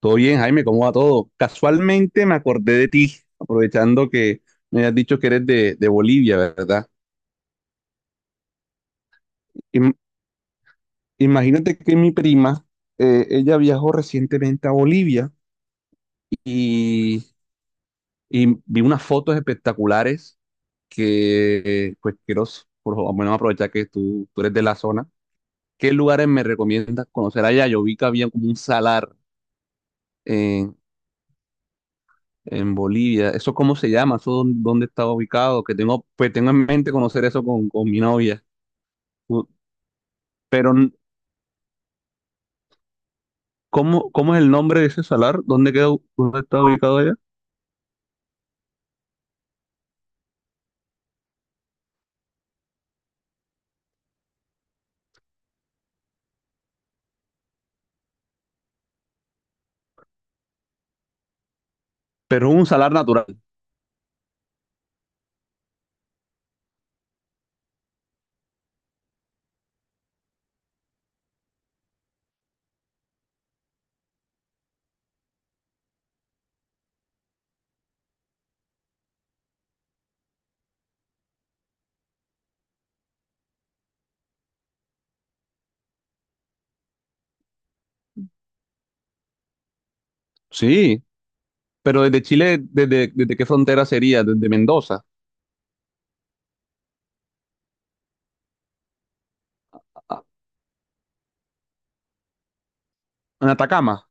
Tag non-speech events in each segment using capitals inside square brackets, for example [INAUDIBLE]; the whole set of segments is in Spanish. Todo bien, Jaime, ¿cómo va todo? Casualmente me acordé de ti, aprovechando que me has dicho que eres de Bolivia, ¿verdad? Im- Imagínate que mi prima, ella viajó recientemente a Bolivia y, y vi unas fotos espectaculares que, pues, quiero, por favor, bueno, aprovechar que tú eres de la zona. ¿Qué lugares me recomiendas conocer allá? Yo vi que había como un salar en Bolivia. ¿Eso cómo se llama? ¿Eso dónde está ubicado? Que tengo, pues tengo en mente conocer eso con mi novia. U- Pero, ¿cómo es el nombre de ese salar? ¿Dónde queda, dónde está ubicado allá? Pero es un salar natural. Sí, pero desde Chile, ¿desde qué frontera sería? Desde Mendoza, a- en Atacama.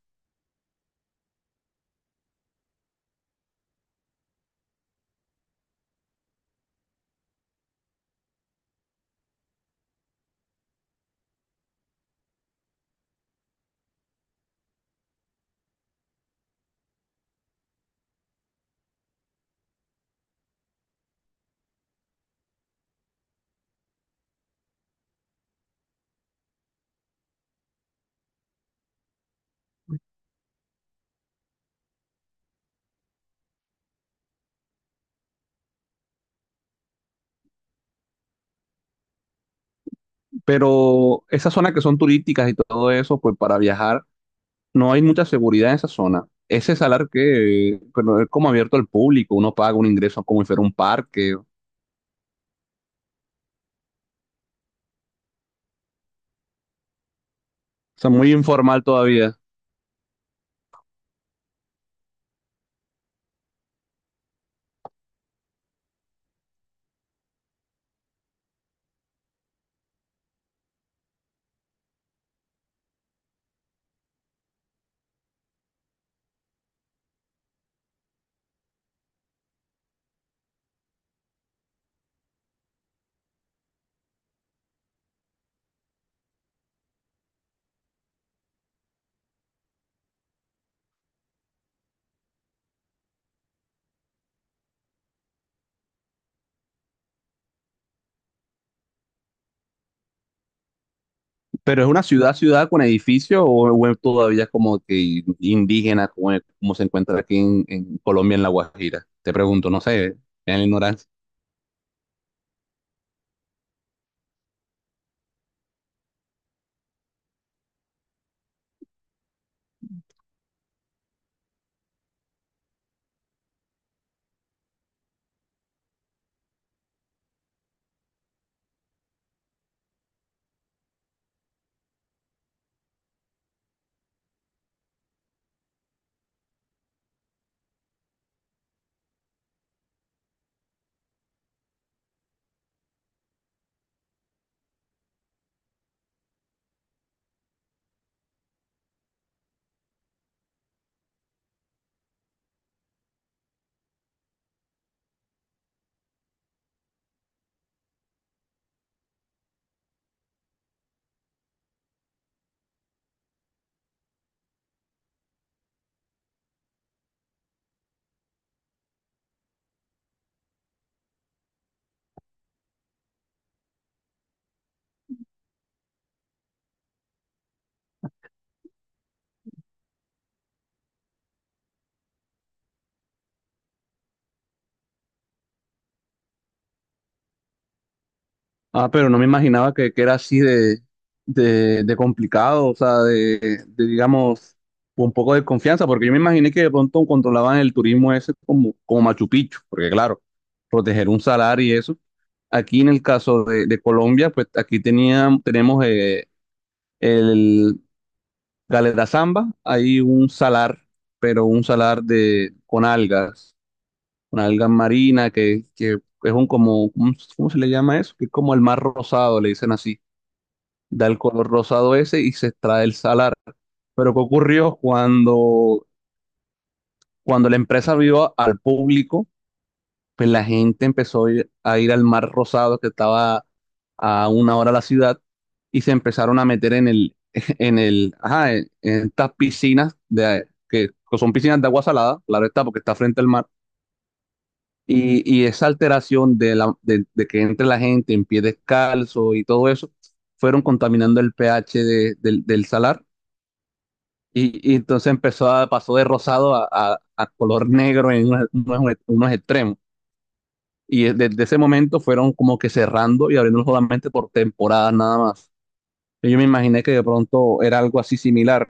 Pero esas zonas que son turísticas y todo eso, pues para viajar, no hay mucha seguridad en esa zona. Ese salar que, pero es como abierto al público, uno paga un ingreso como si fuera un parque, o sea, muy informal todavía. Pero es una ciudad con edificios o es todavía como que indígena, como, como se encuentra aquí en Colombia, en La Guajira. Te pregunto, no sé, en la ignorancia. Ah, pero no me imaginaba que era así de complicado, o sea, digamos, un poco de confianza, porque yo me imaginé que de pronto controlaban el turismo ese como, como Machu Picchu, porque claro, proteger un salar y eso. Aquí en el caso de Colombia, pues aquí tenían, tenemos, el Galeta Zamba, hay un salar, pero un salar de, con algas marinas, que es un como, ¿cómo se le llama eso? Que es como el mar rosado, le dicen así. Da el color rosado ese y se extrae el salar. Pero ¿qué ocurrió cuando la empresa vio al público? Pues la gente empezó a ir al Mar Rosado que estaba a una hora de la ciudad y se empezaron a meter en el, [LAUGHS] en el, ajá, en estas piscinas de, que son piscinas de agua salada, claro está, porque está frente al mar. Y esa alteración de que entre la gente en pie descalzo y todo eso, fueron contaminando el pH del salar. Y entonces empezó a, pasó de rosado a, a color negro en unos extremos. Y desde ese momento fueron como que cerrando y abriendo solamente por temporadas nada más. Y yo me imaginé que de pronto era algo así similar.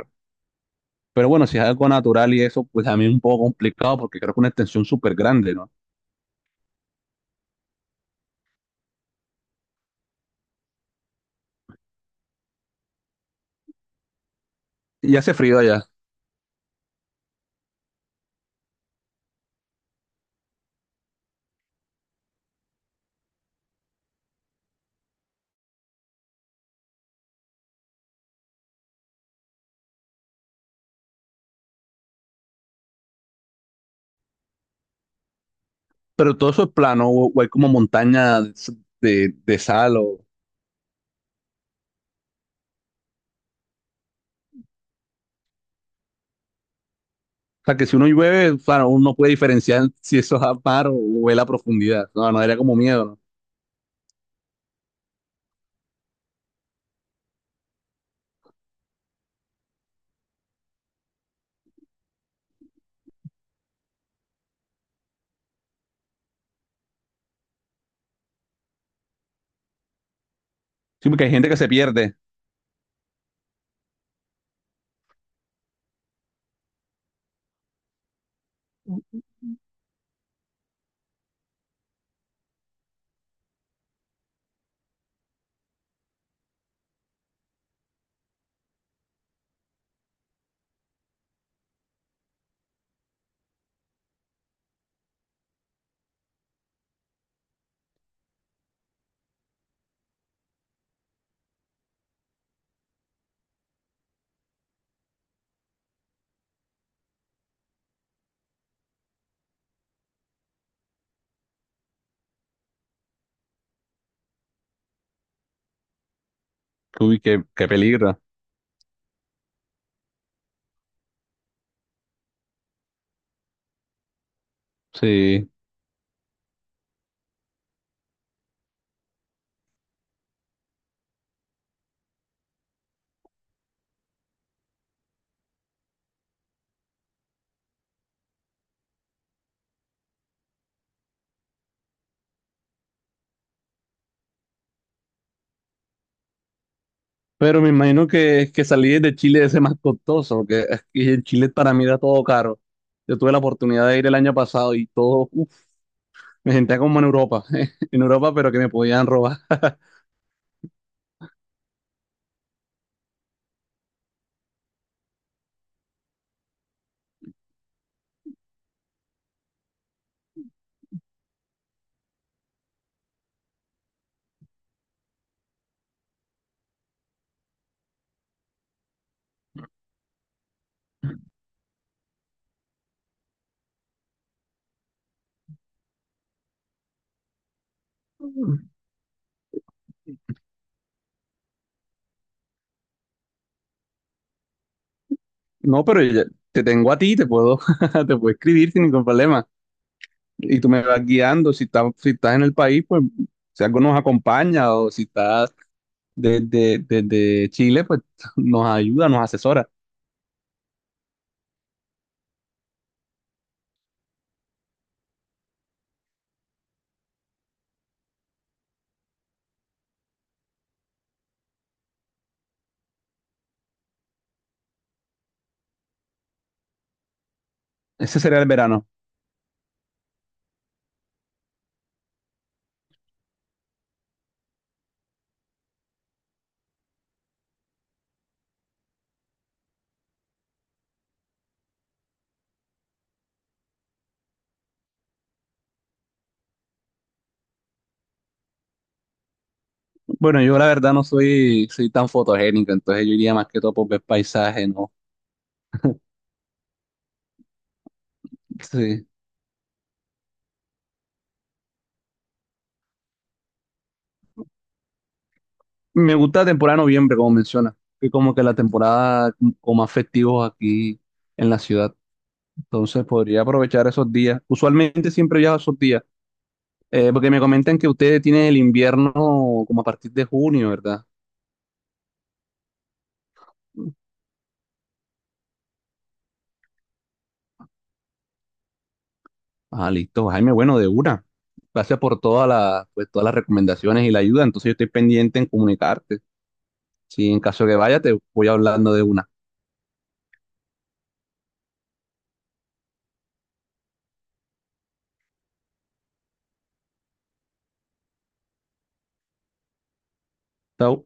Pero bueno, si es algo natural y eso, pues a mí es un poco complicado porque creo que una extensión súper grande, ¿no? Y hace frío allá. Pero todo eso es plano o hay como montañas de sal o... O sea, que si uno llueve, claro, uno puede diferenciar si eso es a mar o es la profundidad. No, no, era como miedo, ¿no? Sí, porque hay gente que se pierde. Uy, qué, qué peligro. Sí. Pero me imagino que salir de Chile es más costoso, que aquí en Chile para mí era todo caro. Yo tuve la oportunidad de ir el año pasado y todo, uf, me sentía como en Europa, [LAUGHS] en Europa, pero que me podían robar. [LAUGHS] No, pero te tengo a ti, te puedo, [LAUGHS] te puedo escribir sin ningún problema. Y tú me vas guiando, si estás en el país, pues si algo nos acompaña o si estás desde Chile, pues nos ayuda, nos asesora. Ese sería el verano. Bueno, yo la verdad no soy, soy tan fotogénico, entonces yo iría más que todo por ver paisaje, ¿no? Sí. Me gusta la temporada de noviembre, como menciona, que como que la temporada con más festivos aquí en la ciudad, entonces podría aprovechar esos días. Usualmente siempre viajo esos días, porque me comentan que ustedes tienen el invierno como a partir de junio, ¿verdad? Ah, listo, Jaime, bueno, de una. Gracias por toda la, pues, todas las recomendaciones y la ayuda, entonces yo estoy pendiente en comunicarte. Si en caso que vaya, te voy hablando de una. Chao.